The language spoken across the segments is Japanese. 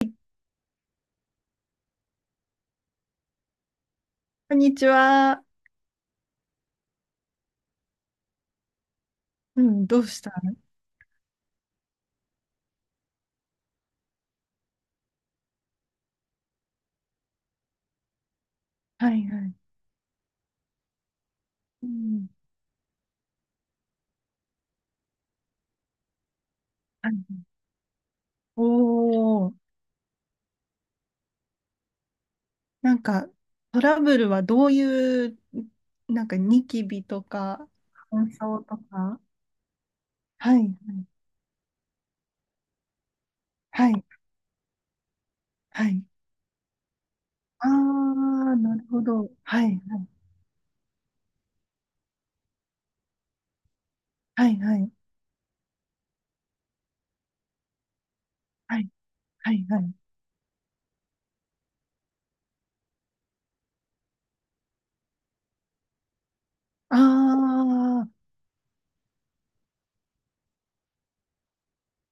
こんにちは。うん、どうした？はいはい。うん、はい。おー、なんか、トラブルはどういう、なんか、ニキビとか、乾燥とか。はい、はい、はい、はい。あー、なるほど。はい、はい、はい、はい、はい、はい。はい。あー、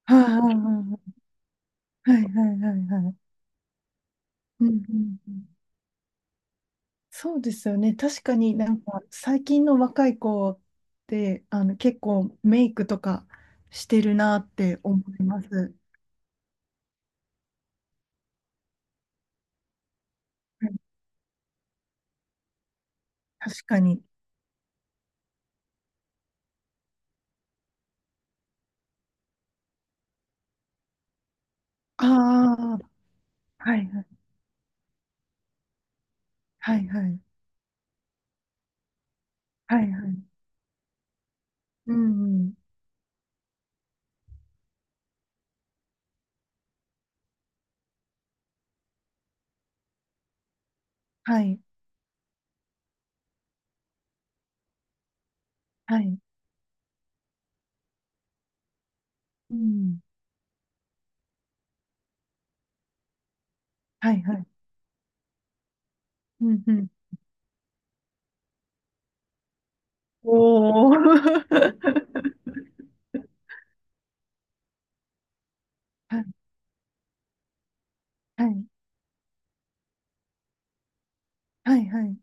はい、はい、はい、はい、はいはい。ああー、はいはいはいはいはいはいはいはい。うん、うんうん。そうですよね。確かになんか最近の若い子って結構メイクとかしてるなって思います。はい。確かに。ああ、はいはい。はいはい。はいはい。うんうん。はい。はい。うん。はいはい。うんうん。おお。はいはいはいはい。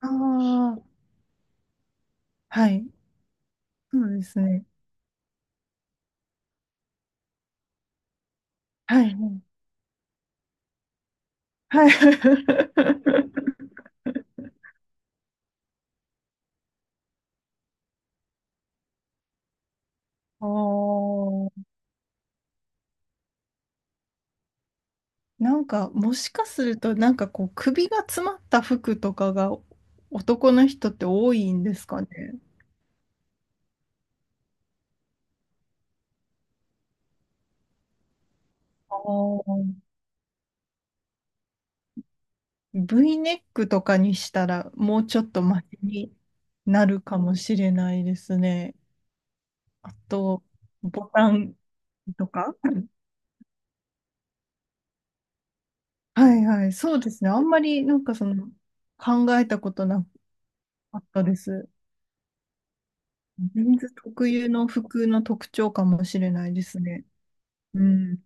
ああ、はい。そうですね。はいはい。はい。おお。なんか、もしかすると、なんかこう、首が詰まった服とかが、男の人って多いんですかね。ああ。V ネックとかにしたら、もうちょっとマシになるかもしれないですね。あと、ボタンとか。はいはい、そうですね。あんまり、なんかその、考えたことなかったです。人ンズ特有の服の特徴かもしれないですね。うん。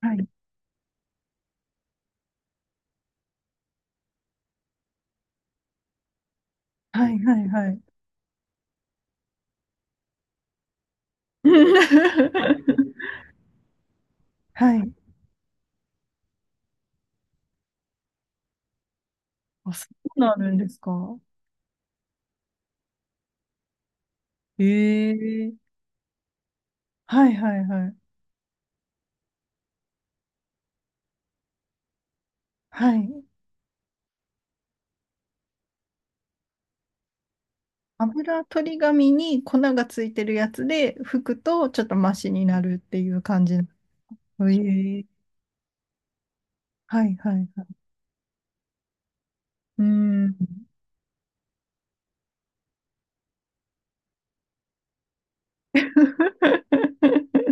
はい。はいはいはい。はい。あ、そうなるんですか？ええ。はいはいはい。はい。油取り紙に粉がついてるやつで拭くとちょっとマシになるっていう感じ。ええ。はいはいはい。うん。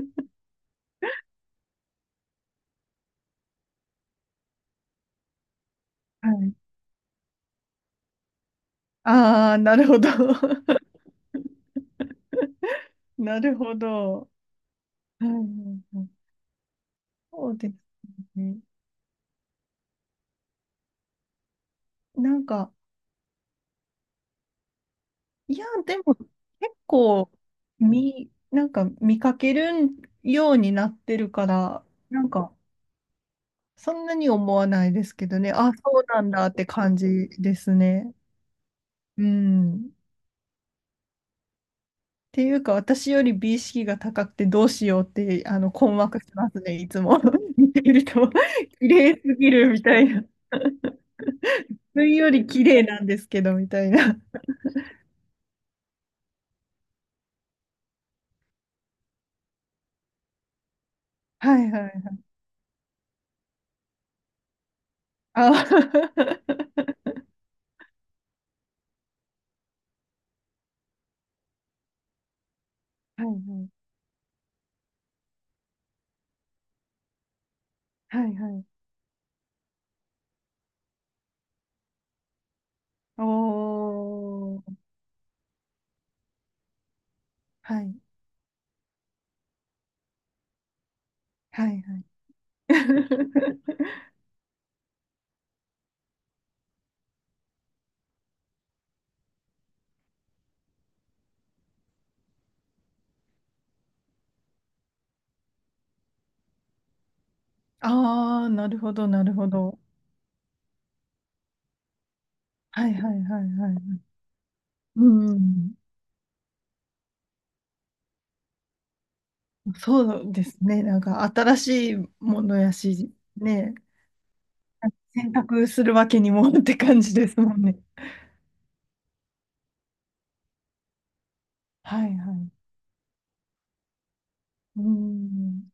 はい。ああ、なるほど。なるほど。はいはいはい。そうですね。なんか、いや、でも結構見、なんか見かけるようになってるから、なんかそんなに思わないですけどね、あ、そうなんだって感じですね。うん。っていうか、私より美意識が高くてどうしようって、あの、困惑しますね、いつも。見てると、綺麗すぎるみたいな。自分より綺麗なんですけど、みたいな。はいはいはい。あ はいはい。はいはい。おー。はい。はいはい。ああ、なるほど、なるほど。はいはいはいはい。うん。そうですね。なんか新しいものやし、ね、選択するわけにも って感じですもんね。はいはい。うん。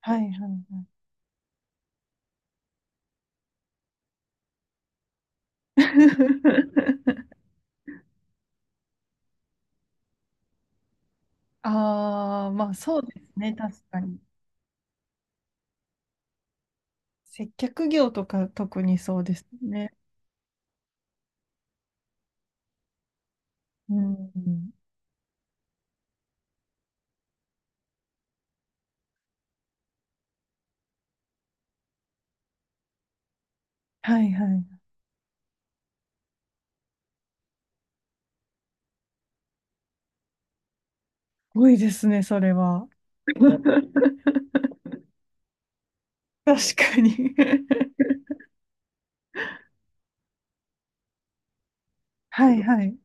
はいはい。ああ、まあそうですね。確かに。接客業とか特にそうですね。うん。はいはい。すごいですね、それは。確かに。 はいはい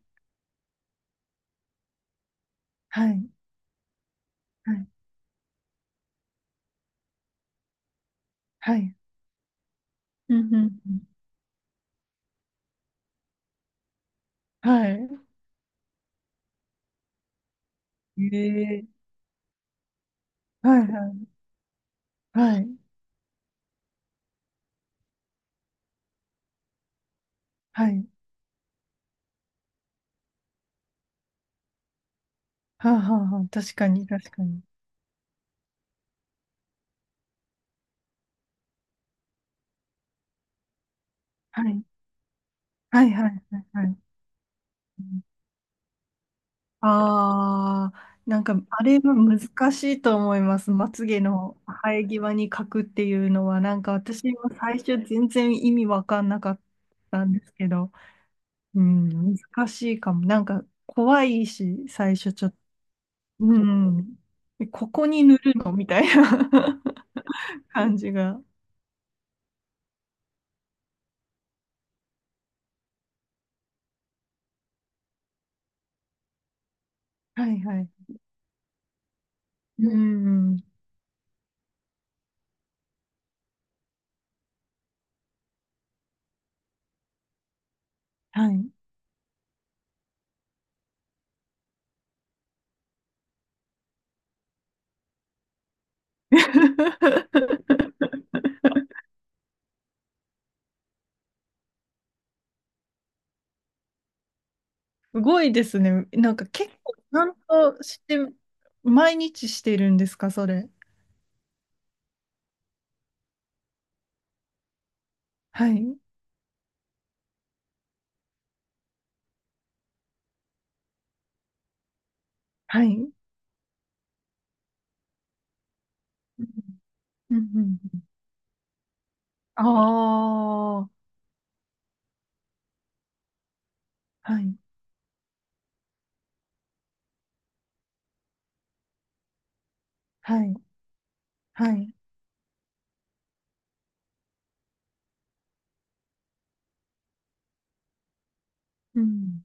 はいはいはい。うんうんうん。はい。ええ。はいはいはいはい。はあはあはあ。確かに確かに。はいはいはいはいはい。ああー、なんかあれは難しいと思います。まつげの生え際に描くっていうのは、なんか私も最初全然意味わかんなかったんですけど、うん、難しいかも。なんか怖いし、最初ちょっ、うん。で、ここに塗るのみたいな 感じが。はいはい。うん。はい。すごいですね。なんか結構ちゃんとして、毎日してるんですか、それ？はい。はい。うんうん。ああー、はい。はい。はい。うん。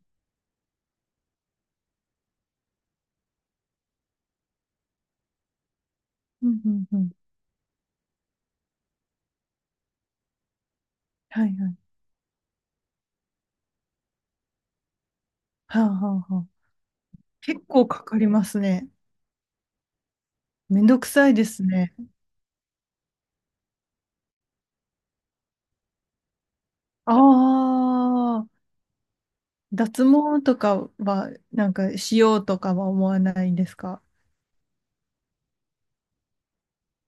うんうんうん。はいはい。はあはあはあ。結構かかりますね。めんどくさいですね。ああ。脱毛とかは、なんか、しようとかは思わないんですか？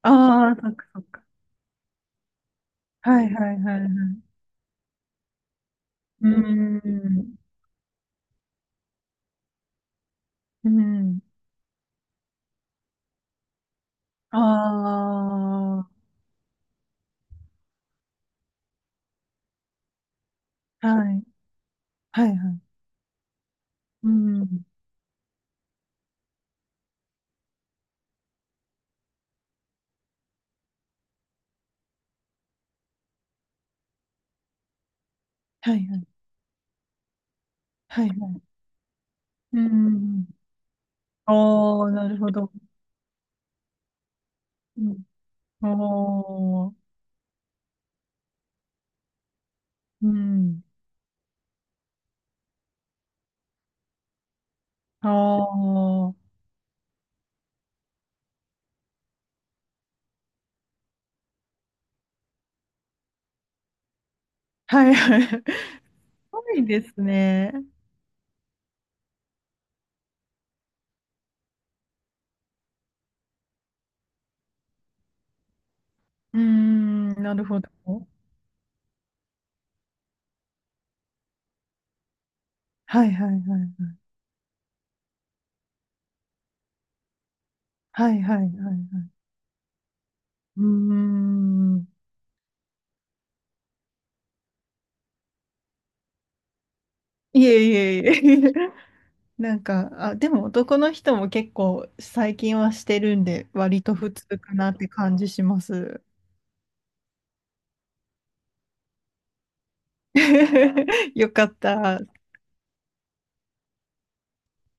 ああー、そっかそっか。はいはいはいはい。うーん。うん。ああ、はい。はいはい。うん。はいはい。はいはい。うん。ああ、なるほど。うん。ああ、うん。ああ、はいはい。すごいですね。うーん。なるほど。はいはいはい。はいはいはいはい。うーん。いえいえいえいえ。なんか、あ、でも男の人も結構最近はしてるんで、割と普通かなって感じします。よかった。